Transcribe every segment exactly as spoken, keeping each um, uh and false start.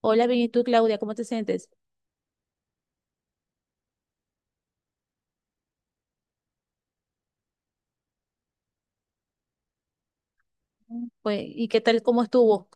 Hola, bien, ¿y tú, Claudia? ¿Cómo te sientes? Pues, ¿y qué tal, cómo estuvo?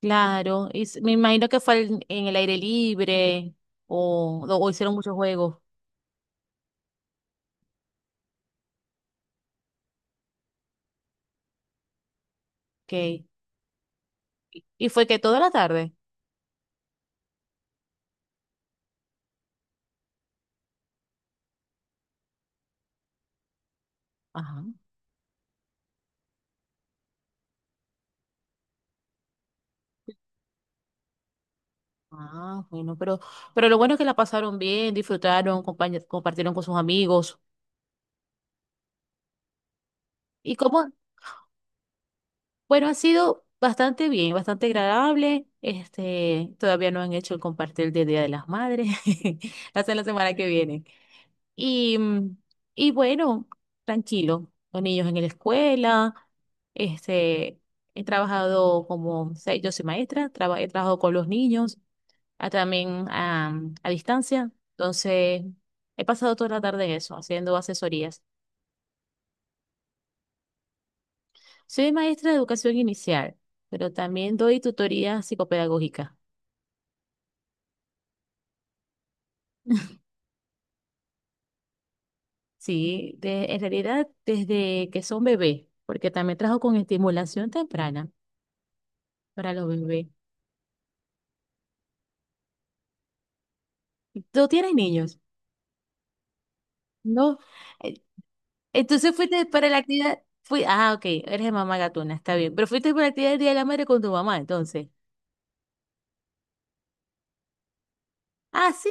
Claro, y s- me imagino que fue al- en el aire libre o, o hicieron muchos juegos. Okay. Y y fue que toda la tarde. Ajá. Ah, bueno, pero, pero lo bueno es que la pasaron bien, disfrutaron, compañe- compartieron con sus amigos. ¿Y cómo? Bueno, ha sido bastante bien, bastante agradable. Este, todavía no han hecho el compartir del Día de las Madres. Hasta la semana que viene. Y, mm, y bueno, tranquilo, con niños en la escuela, este, he trabajado como, o sea, yo soy maestra, traba- he trabajado con los niños, ah, también ah, a, distancia, entonces he pasado toda la tarde en eso, haciendo asesorías. Soy maestra de educación inicial, pero también doy tutoría psicopedagógica, sí, de, en realidad desde que son bebés, porque también trabajo con estimulación temprana para los bebés. ¿Tú tienes niños? No. Eh, entonces fuiste para la actividad. Fui, ah, ok, eres de mamá gatuna, está bien. Pero fuiste para la actividad del Día de la Madre con tu mamá, entonces. Ah, sí.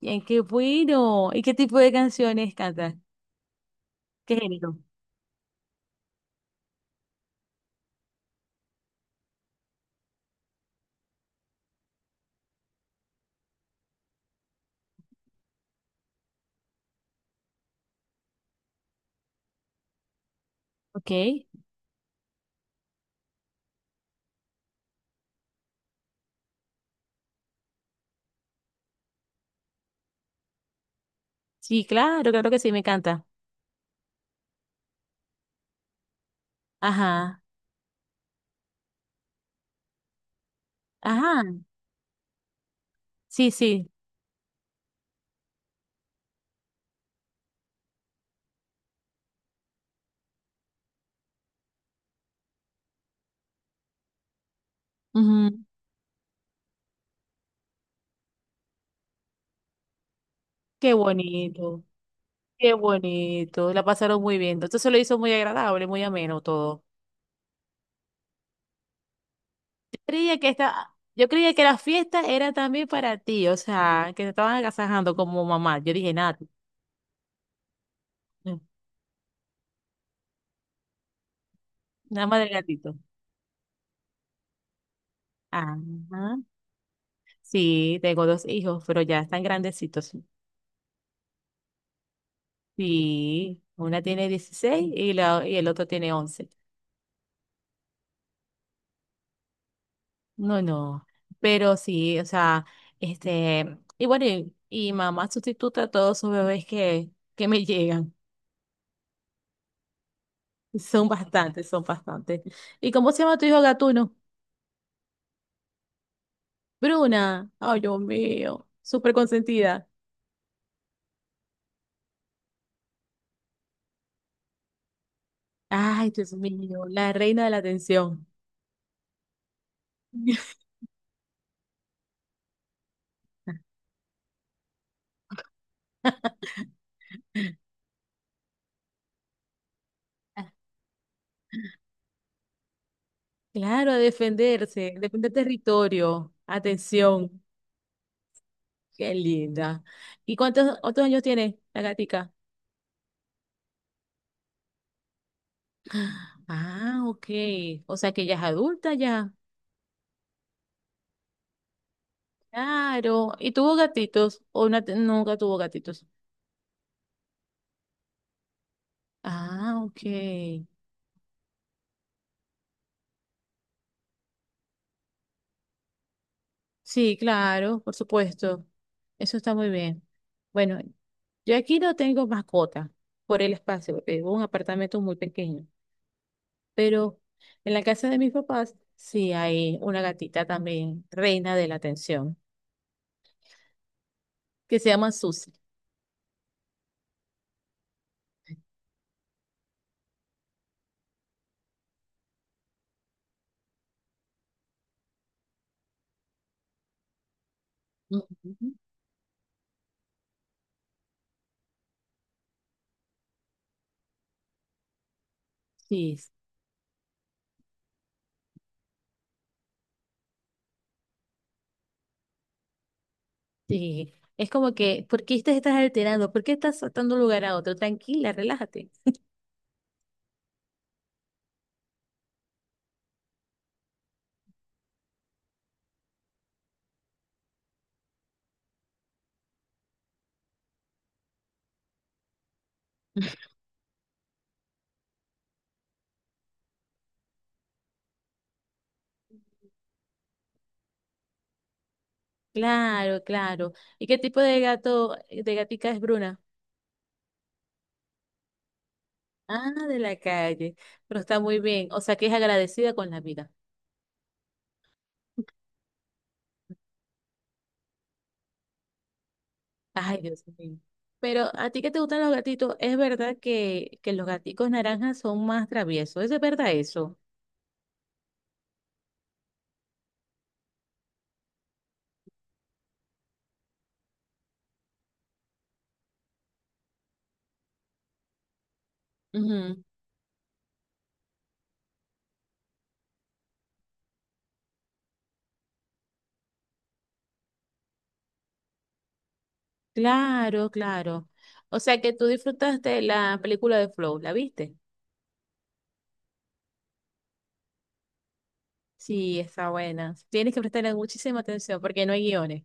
Bien, qué bueno. ¿Y qué tipo de canciones cantas? ¿Qué género? Ok. Sí, claro, claro que sí, me encanta. Ajá. Ajá. Sí, sí. Ujú. Qué bonito. Qué bonito. La pasaron muy bien. Entonces se lo hizo muy agradable, muy ameno todo. Creía que esta, yo creía que la fiesta era también para ti, o sea, que te estaban agasajando como mamá. Yo dije, nada, tú, mm, nada más del gatito. Ajá. Sí, tengo dos hijos, pero ya están grandecitos. Sí, una tiene dieciséis y, la, y el otro tiene once. No, no, pero sí, o sea, este, y bueno, y, y mamá sustituta a todos sus bebés que, que me llegan. Son bastantes, son bastantes. ¿Y cómo se llama tu hijo Gatuno? Bruna, ay, Dios mío, súper consentida. Ay, Dios mío, la reina de la atención. Claro, a defenderse, defender territorio, atención, qué linda. ¿Y cuántos otros años tiene la gatica? Ah, ok, o sea que ya es adulta ya, claro. ¿Y tuvo gatitos o no nunca tuvo gatitos? Ah, ok. Sí, claro, por supuesto. Eso está muy bien. Bueno, yo aquí no tengo mascota por el espacio, porque vivo en un apartamento muy pequeño, pero en la casa de mis papás sí hay una gatita también, reina de la atención, que se llama Susi. Ujú. Sí, sí. Es como que, ¿por qué te estás alterando? ¿Por qué estás saltando de un lugar a otro? Tranquila, relájate. Claro, claro. ¿Y qué tipo de gato, de gatica es Bruna? Ah, de la calle. Pero está muy bien. O sea, que es agradecida con la vida. Ay, Dios mío. Pero a ti que te gustan los gatitos, es verdad que, que los gaticos naranjas son más traviesos. ¿Es de verdad eso? Ujú. Claro, claro. O sea, que tú disfrutaste la película de Flow. ¿La viste? Sí, está buena. Tienes que prestarle muchísima atención porque no hay guiones.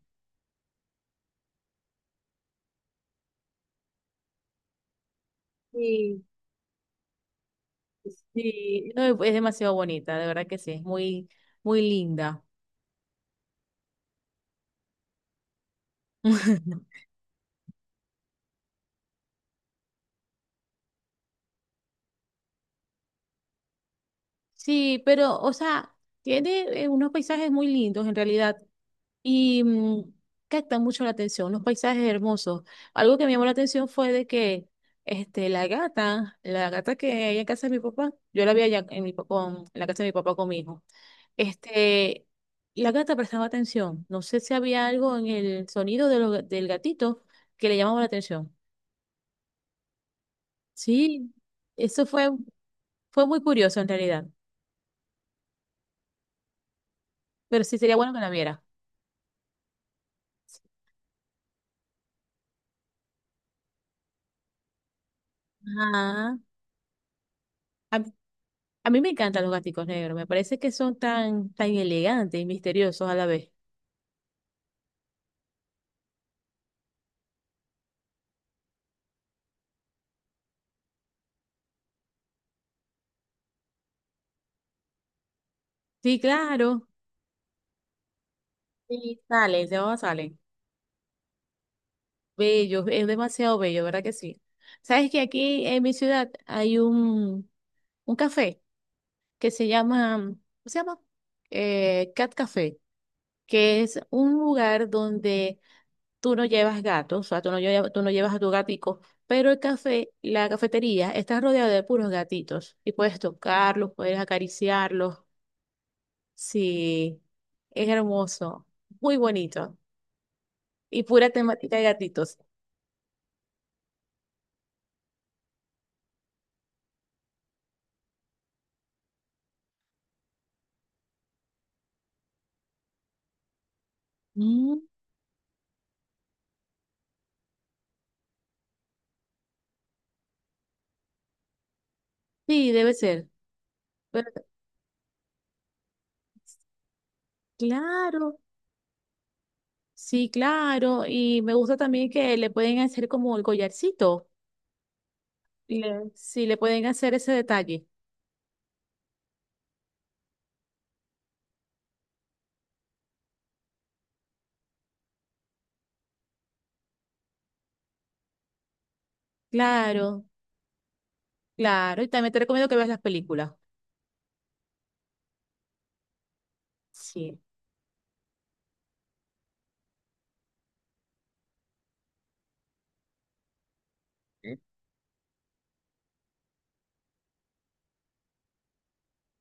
Sí. Sí, no, es demasiado bonita, de verdad que sí. Es muy, muy linda. Sí, pero, o sea, tiene eh, unos paisajes muy lindos en realidad y mm, captan mucho la atención, unos paisajes hermosos. Algo que me llamó la atención fue de que este, la gata, la gata que hay en casa de mi papá, yo la vi allá en, mi, pa- con, en la casa de mi papá con mi hijo, este, la gata prestaba atención. No sé si había algo en el sonido de los- del gatito que le llamaba la atención. Sí, eso fue, fue muy curioso en realidad, pero sí sería bueno que la viera. Ajá. A mí me encantan los gaticos negros, me parece que son tan, tan elegantes y misteriosos a la vez. Sí, claro. Sí, salen, se van, salen. Bellos, es demasiado bello, ¿verdad que sí? Sabes que aquí en mi ciudad hay un, un café que se llama, ¿cómo se llama? Eh, Cat Café, que es un lugar donde tú no llevas gatos, o sea, tú no llevas, tú no llevas a tu gatico, pero el café, la cafetería está rodeada de puros gatitos y puedes tocarlos, puedes acariciarlos. Sí, es hermoso, muy bonito y pura temática de gatitos. Mm, sí, debe ser. Pero, claro, sí, claro. Y me gusta también que le pueden hacer como el collarcito. Le- sí, le pueden hacer ese detalle. Claro, claro. Y también te recomiendo que veas las películas. Sí,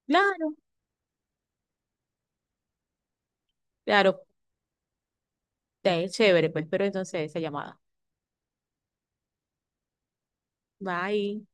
claro, claro. Eh, chévere, pues. Pero entonces esa llamada. Bye.